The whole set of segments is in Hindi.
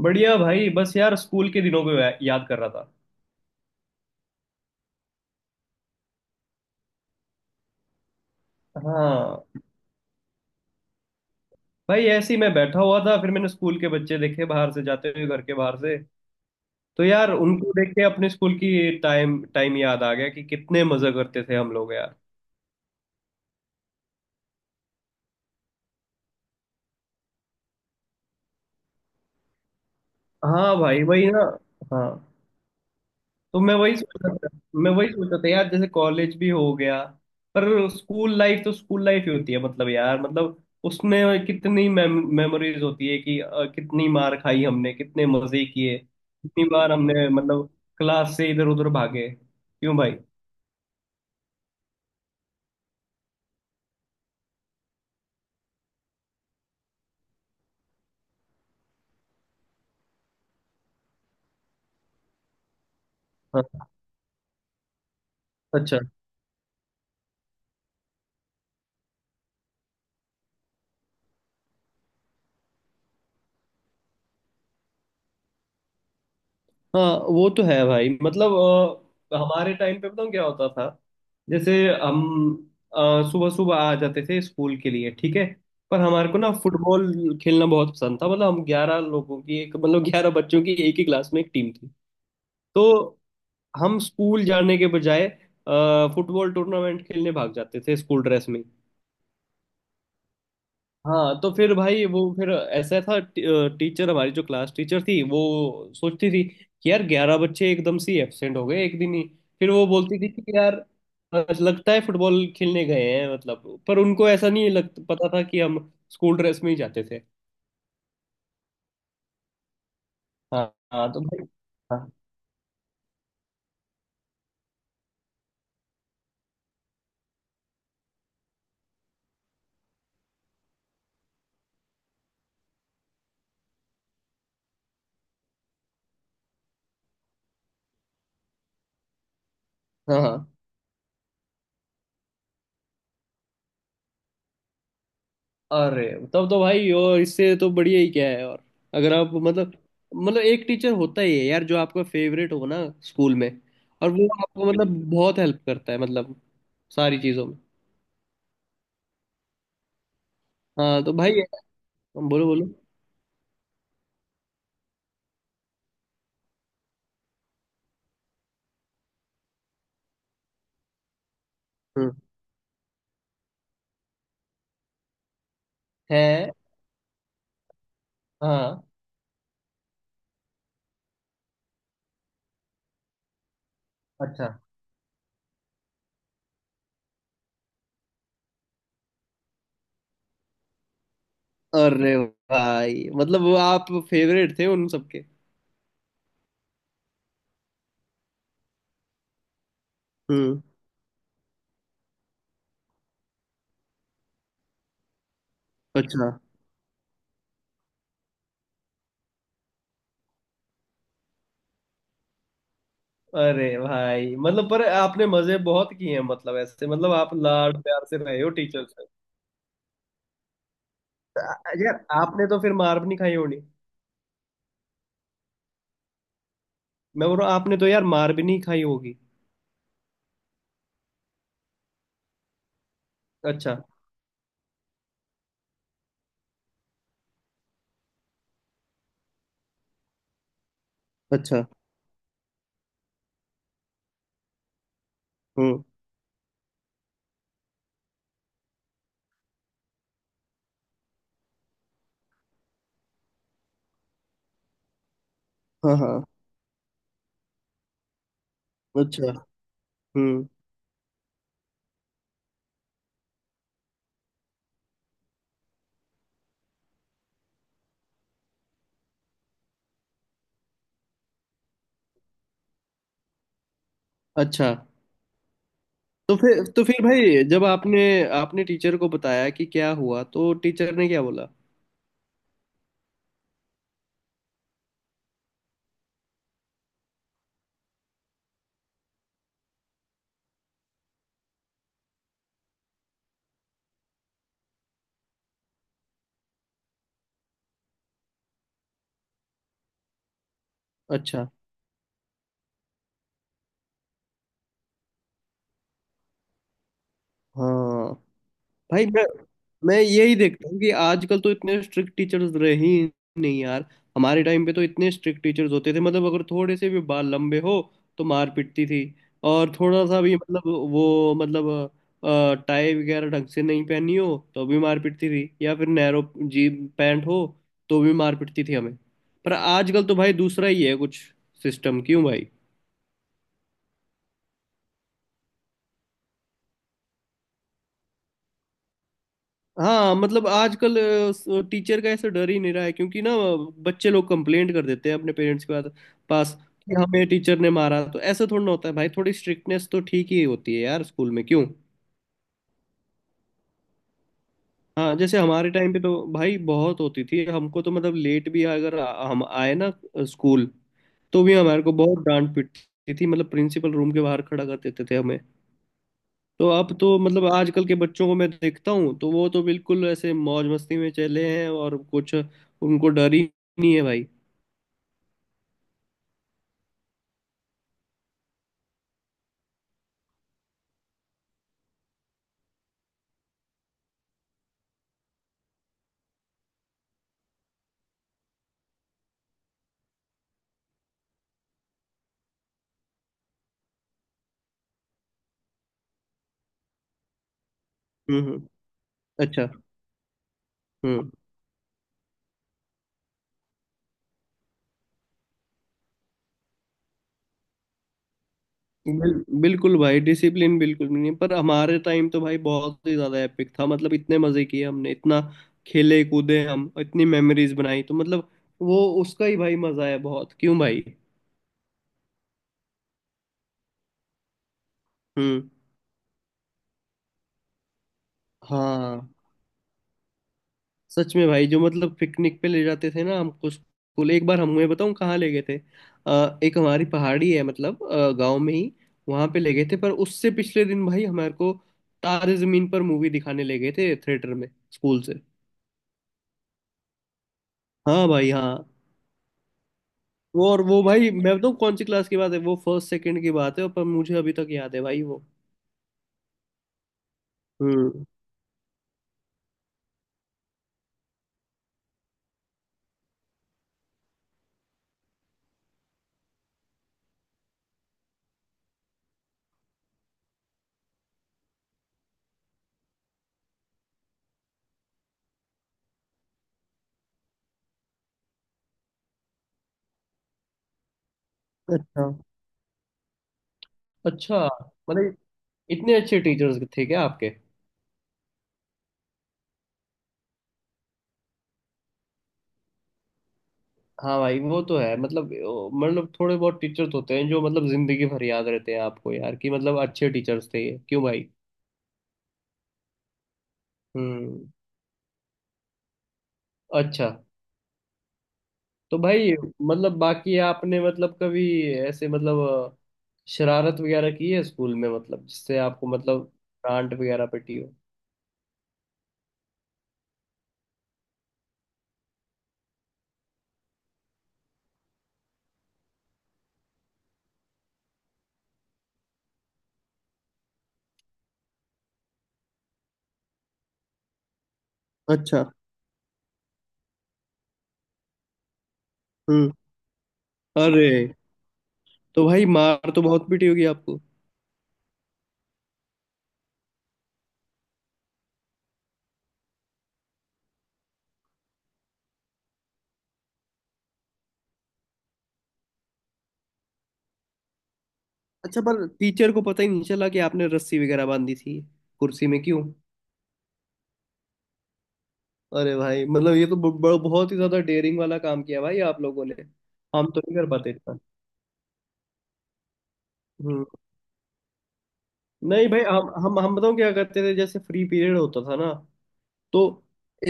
बढ़िया भाई। बस यार स्कूल के दिनों को याद कर रहा था। हाँ। भाई ऐसे ही मैं बैठा हुआ था, फिर मैंने स्कूल के बच्चे देखे बाहर से जाते हुए, घर के बाहर से। तो यार उनको देख के अपने स्कूल की टाइम टाइम याद आ गया कि कितने मजे करते थे हम लोग यार। हाँ भाई, वही ना। हाँ, तो मैं वही सोच रहा था। मैं वही सोच रहा था यार, जैसे कॉलेज भी हो गया, पर स्कूल लाइफ तो स्कूल लाइफ ही होती है। मतलब यार, मतलब उसमें कितनी मेमोरीज होती है कि कितनी मार खाई हमने, कितने मजे किए, कितनी बार हमने मतलब क्लास से इधर उधर भागे, क्यों भाई। हाँ। अच्छा। हाँ, वो तो है भाई, मतलब हमारे टाइम पे बताऊँ क्या होता था। जैसे हम सुबह सुबह आ जाते थे स्कूल के लिए, ठीक है। पर हमारे को ना फुटबॉल खेलना बहुत पसंद था, मतलब हम 11 लोगों की एक, मतलब 11 बच्चों की एक ही क्लास में एक टीम थी। तो हम स्कूल जाने के बजाय फुटबॉल टूर्नामेंट खेलने भाग जाते थे स्कूल ड्रेस में। हाँ, तो फिर भाई वो फिर ऐसा था, टीचर हमारी जो क्लास टीचर थी, वो सोचती थी कि यार 11 बच्चे एकदम से एब्सेंट हो गए एक दिन ही। फिर वो बोलती थी कि यार लगता है फुटबॉल खेलने गए हैं। मतलब पर उनको ऐसा नहीं लग पता था कि हम स्कूल ड्रेस में ही जाते थे। हाँ। हाँ तो भाई। हाँ। हाँ हाँ। अरे, तब तो भाई और इससे तो बढ़िया ही क्या है। और अगर आप मतलब, मतलब एक टीचर होता ही है यार जो आपका फेवरेट हो ना स्कूल में। और वो आपको मतलब बहुत हेल्प करता है, मतलब सारी चीजों में। हाँ तो भाई, बोलो बोलो। हम्म। है। हाँ। अच्छा। अरे भाई, मतलब वो आप फेवरेट थे उन सबके। हम्म। अच्छा। अरे भाई, मतलब पर आपने मजे बहुत किए हैं, मतलब ऐसे मतलब आप लाड प्यार से रहे हो टीचर से। यार आपने तो फिर मार भी नहीं खाई होनी। मैं बोल रहा हूँ आपने तो यार मार भी नहीं खाई होगी। अच्छा। अच्छा। हम्म। हाँ हाँ। अच्छा। हम्म। अच्छा, तो फिर भाई जब आपने आपने टीचर को बताया कि क्या हुआ तो टीचर ने क्या बोला। अच्छा। हाँ भाई। मैं यही देखता हूँ कि आजकल तो इतने स्ट्रिक्ट टीचर्स रहे ही नहीं यार। हमारे टाइम पे तो इतने स्ट्रिक्ट टीचर्स होते थे, मतलब अगर थोड़े से भी बाल लंबे हो तो मार पिटती थी। और थोड़ा सा भी मतलब, वो मतलब टाई वगैरह ढंग से नहीं पहनी हो तो भी मार पिटती थी, या फिर नैरो जी पैंट हो तो भी मार पिटती थी हमें। पर आजकल तो भाई दूसरा ही है कुछ सिस्टम, क्यों भाई। हाँ मतलब आजकल टीचर का ऐसा डर ही नहीं रहा है, क्योंकि ना बच्चे लोग कंप्लेंट कर देते हैं अपने पेरेंट्स के पास पास कि हमें टीचर ने मारा। तो ऐसा थोड़ा ना होता है भाई, थोड़ी स्ट्रिक्टनेस तो ठीक ही होती है यार स्कूल में, क्यों। हाँ, जैसे हमारे टाइम पे तो भाई बहुत होती थी। हमको तो मतलब लेट भी अगर हम आए ना स्कूल तो भी हमारे को बहुत डांट पीटती थी, मतलब प्रिंसिपल रूम के बाहर खड़ा कर देते थे हमें। तो अब तो मतलब आजकल के बच्चों को मैं देखता हूँ, तो वो तो बिल्कुल ऐसे मौज मस्ती में चले हैं और कुछ उनको डर ही नहीं है भाई। हम्म। अच्छा। हम्म। बिल, बिल्कुल भाई, डिसिप्लिन बिल्कुल भी नहीं। पर हमारे टाइम तो भाई बहुत ही ज्यादा एपिक था, मतलब इतने मजे किए हमने, इतना खेले कूदे हम, इतनी मेमोरीज बनाई, तो मतलब वो उसका ही भाई मजा है बहुत, क्यों भाई। हम्म। हाँ सच में भाई, जो मतलब पिकनिक पे ले जाते थे ना हमको स्कूल, एक बार हमें बताऊं कहाँ ले गए थे। एक हमारी पहाड़ी है, मतलब गांव में ही, वहां पे ले गए थे। पर उससे पिछले दिन भाई हमारे को तारे जमीन पर मूवी दिखाने ले गए थे थिएटर में, स्कूल से। हाँ भाई हाँ। वो और वो भाई मैं बताऊँ कौन सी क्लास की बात है, वो फर्स्ट सेकंड की बात है, पर मुझे अभी तक याद है भाई वो। हम्म। अच्छा। अच्छा, मतलब इतने अच्छे टीचर्स थे क्या आपके। हाँ भाई, वो तो है, मतलब मतलब थोड़े बहुत टीचर्स होते हैं जो मतलब जिंदगी भर याद रहते हैं आपको यार, कि मतलब अच्छे टीचर्स थे ये, क्यों भाई। हम्म। अच्छा। तो भाई, मतलब बाकी आपने मतलब कभी ऐसे मतलब अ, शरारत वगैरह की है स्कूल में मतलब जिससे आपको मतलब डांट वगैरह पिटी हो। अच्छा। हम्म। हाँ। अरे, तो भाई मार तो बहुत पीटी होगी आपको। अच्छा, पर टीचर को पता ही नहीं चला कि आपने रस्सी वगैरह बांधी थी कुर्सी में, क्यों। अरे भाई, मतलब ये तो बहुत ही ज्यादा डेयरिंग वाला काम किया भाई आप लोगों ने। हम तो नहीं कर पाते इतना। हम्म। नहीं भाई, हम बताऊँ क्या करते थे, जैसे फ्री पीरियड होता था ना, तो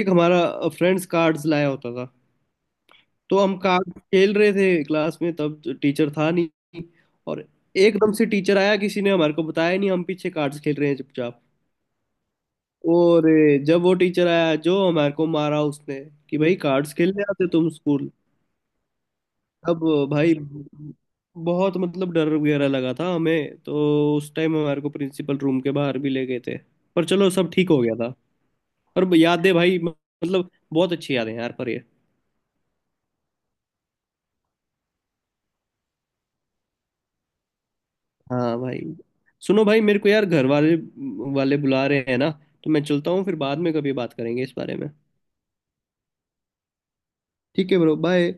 एक हमारा फ्रेंड्स कार्ड्स लाया होता था। तो हम कार्ड खेल रहे थे क्लास में, तब टीचर था नहीं। और एकदम से टीचर आया, किसी ने हमारे को बताया नहीं, हम पीछे कार्ड्स खेल रहे हैं चुपचाप। और जब वो टीचर आया जो हमारे को मारा उसने, कि भाई कार्ड्स खेलने आते तुम स्कूल। अब भाई बहुत मतलब डर वगैरह लगा था हमें तो। उस टाइम हमारे को प्रिंसिपल रूम के बाहर भी ले गए थे। पर चलो सब ठीक हो गया था। और यादें भाई, मतलब बहुत अच्छी यादें हैं यार पर ये। हाँ भाई। सुनो भाई मेरे को यार घर वाले वाले बुला रहे हैं ना, तो मैं चलता हूँ, फिर बाद में कभी बात करेंगे इस बारे में। ठीक है ब्रो, बाय।